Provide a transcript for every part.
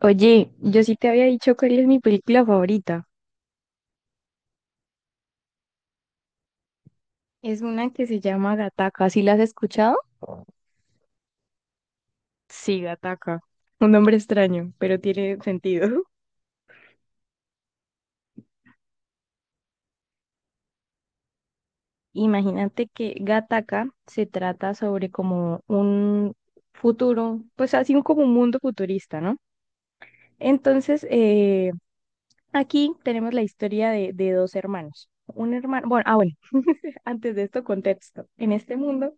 Oye, yo sí te había dicho cuál es mi película favorita. Es una que se llama Gataca. ¿Sí la has escuchado? Sí, Gataca. Un nombre extraño, pero tiene sentido. Imagínate que Gataca se trata sobre como un futuro, pues así como un mundo futurista, ¿no? Entonces, aquí tenemos la historia de dos hermanos. Un hermano, bueno, bueno, antes de esto, contexto. En este mundo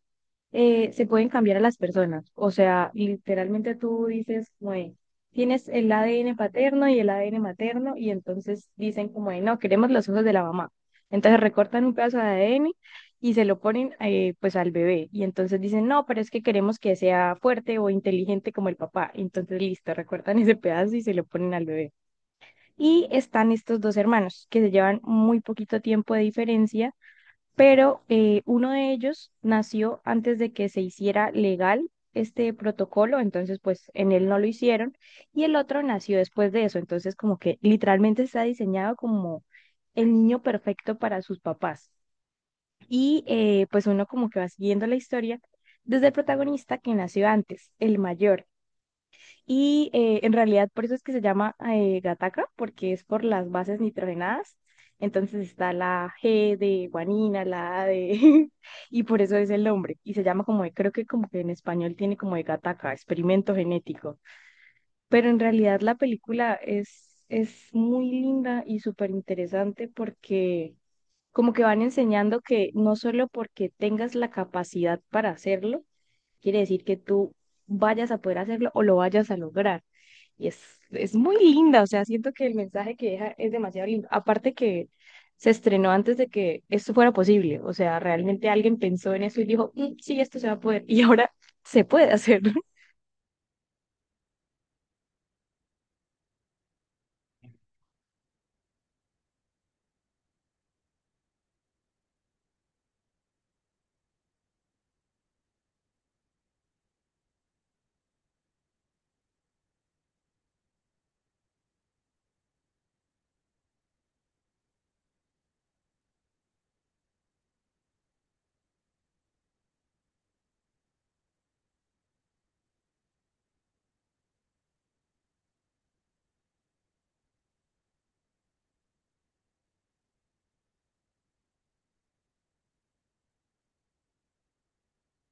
se pueden cambiar a las personas. O sea, literalmente tú dices, como de, tienes el ADN paterno y el ADN materno, y entonces dicen como de, no, queremos los ojos de la mamá. Entonces recortan un pedazo de ADN y se lo ponen pues al bebé. Y entonces dicen, no, pero es que queremos que sea fuerte o inteligente como el papá. Entonces listo, recortan ese pedazo y se lo ponen al bebé. Y están estos dos hermanos que se llevan muy poquito tiempo de diferencia, pero uno de ellos nació antes de que se hiciera legal este protocolo, entonces pues en él no lo hicieron, y el otro nació después de eso, entonces como que literalmente está diseñado como el niño perfecto para sus papás. Y pues uno como que va siguiendo la historia desde el protagonista que nació antes, el mayor. Y en realidad por eso es que se llama Gataca, porque es por las bases nitrogenadas. Entonces está la G de guanina, la A de... y por eso es el nombre. Y se llama como, creo que como que en español tiene como de Gataca, experimento genético. Pero en realidad la película es muy linda y súper interesante porque como que van enseñando que no solo porque tengas la capacidad para hacerlo, quiere decir que tú vayas a poder hacerlo o lo vayas a lograr. Y es muy linda, o sea, siento que el mensaje que deja es demasiado lindo. Aparte que se estrenó antes de que esto fuera posible, o sea, realmente alguien pensó en eso y dijo, "Mm, sí, esto se va a poder, y ahora se puede hacer".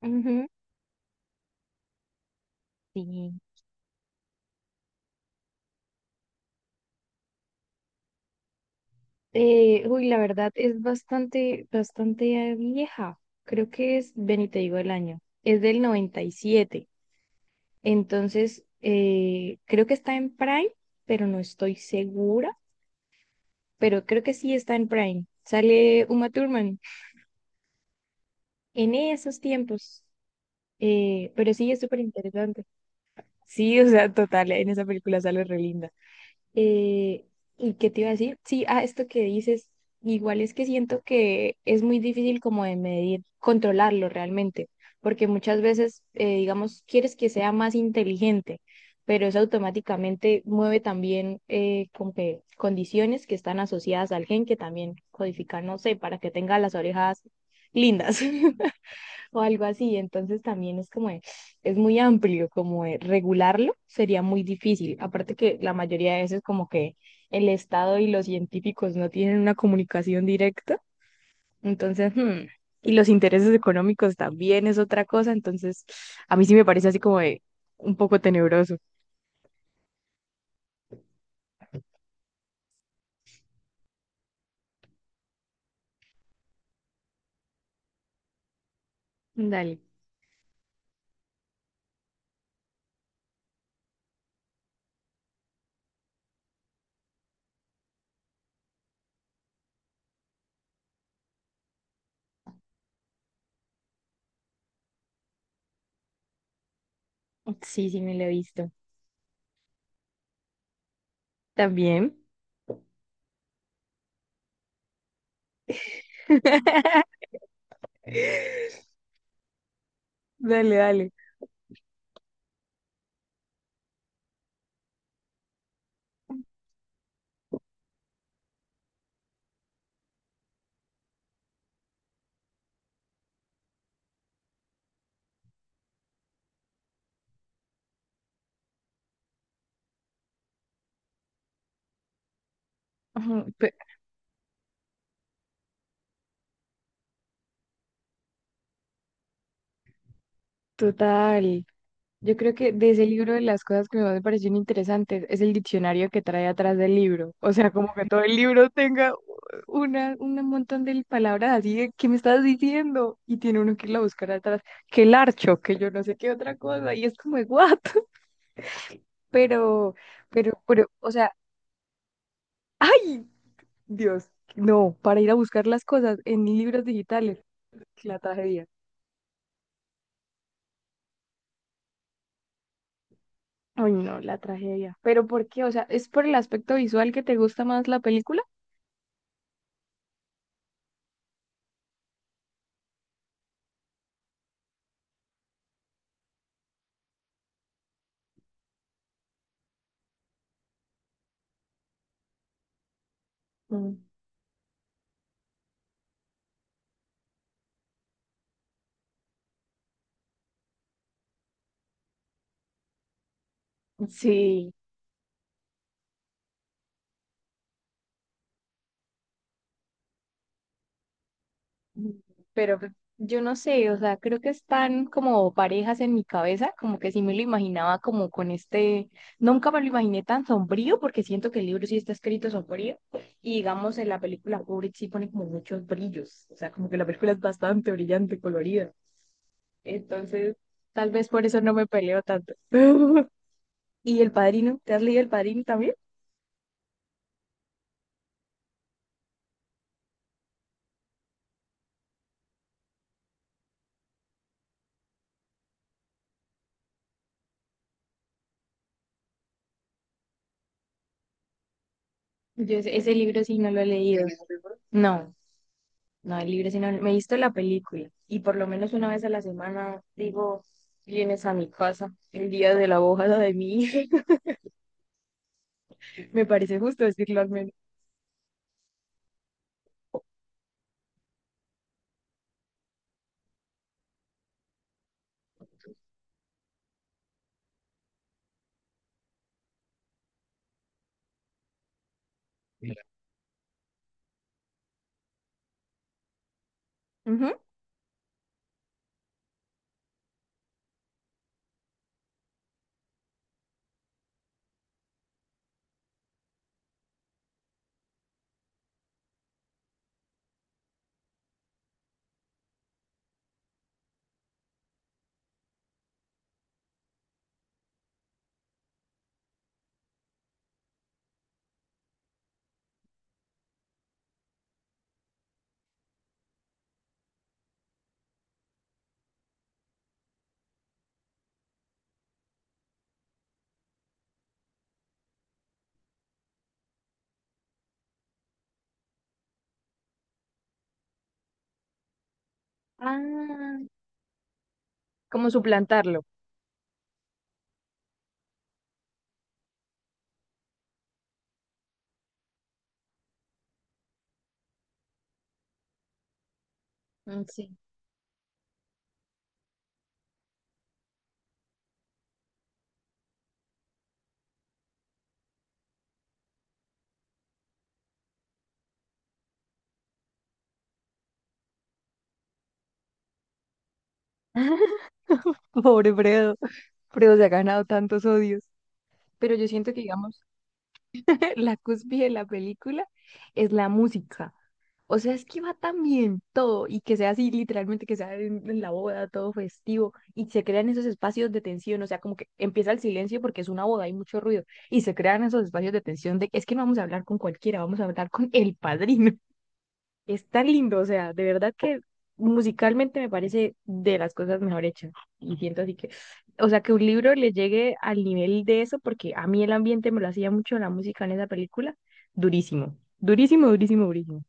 Ujú. Sí. La verdad es bastante, bastante vieja. Creo que es, ven y te digo el año. Es del 97. Entonces, creo que está en Prime, pero no estoy segura, pero creo que sí está en Prime. Sale Uma Thurman en esos tiempos, pero sí es súper interesante. Sí, o sea, total, en esa película sale re linda. Eh, ¿Y qué te iba a decir? Sí, a esto que dices, igual es que siento que es muy difícil como de medir, controlarlo realmente, porque muchas veces, digamos, quieres que sea más inteligente, pero eso automáticamente mueve también como que condiciones que están asociadas al gen que también codifican, no sé, para que tenga las orejas lindas. o algo así. Entonces también es como, es muy amplio, como de regularlo sería muy difícil. Aparte que la mayoría de veces como que el Estado y los científicos no tienen una comunicación directa. Entonces, y los intereses económicos también es otra cosa. Entonces, a mí sí me parece así como de un poco tenebroso. Dale. Sí, sí, me lo he visto. También. Dale, dale. Ujú, total. Yo creo que de ese libro de las cosas que más me parecieron interesantes es el diccionario que trae atrás del libro. O sea, como que todo el libro tenga una, un montón de palabras así de ¿qué me estás diciendo? Y tiene uno que ir a buscar atrás, que el archo, que yo no sé qué otra cosa, y es como de what? Pero, pero, o sea, ¡ay! Dios, no, para ir a buscar las cosas en libros digitales, la tragedia. Ay, no, la tragedia. ¿Pero por qué? O sea, ¿es por el aspecto visual que te gusta más la película? Mm. Sí, pero pues, yo no sé, o sea, creo que están como parejas en mi cabeza, como que sí me lo imaginaba como con este, nunca me lo imaginé tan sombrío, porque siento que el libro sí está escrito sombrío, y digamos en la película Kubrick sí pone como muchos brillos, o sea, como que la película es bastante brillante, colorida, entonces tal vez por eso no me peleo tanto. ¿Y El Padrino? ¿Te has leído El Padrino también? Yo ese libro sí no lo he leído. No. No hay libre, sino me he visto la película y por lo menos una vez a la semana digo, vienes a mi casa el día de la bojada de mí. Me parece justo decirlo al menos. Ujú. Ah, como suplantarlo. Mm, sí. Pobre Fredo. Fredo se ha ganado tantos odios. Pero yo siento que, digamos, la cúspide de la película es la música. O sea, es que va tan bien todo y que sea así, literalmente, que sea en la boda, todo festivo y se crean esos espacios de tensión. O sea, como que empieza el silencio porque es una boda, hay mucho ruido y se crean esos espacios de tensión de es que no vamos a hablar con cualquiera, vamos a hablar con el padrino. Es tan lindo, o sea, de verdad que musicalmente me parece de las cosas mejor hechas y siento así que, o sea, que un libro le llegue al nivel de eso porque a mí el ambiente me lo hacía mucho la música en esa película, durísimo, durísimo, durísimo, durísimo.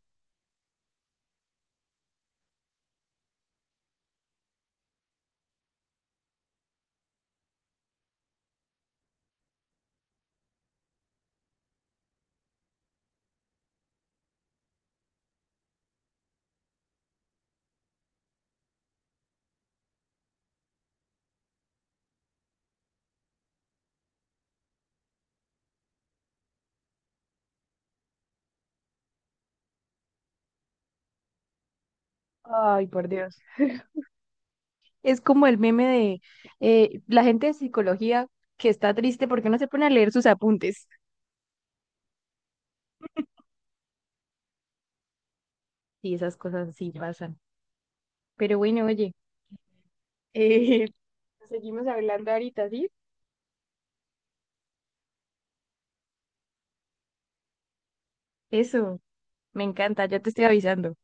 Ay, por Dios. Es como el meme de la gente de psicología que está triste porque no se pone a leer sus apuntes. Sí, esas cosas sí pasan. Pero bueno, oye, eh, seguimos hablando ahorita, ¿sí? Eso, me encanta, ya te estoy avisando.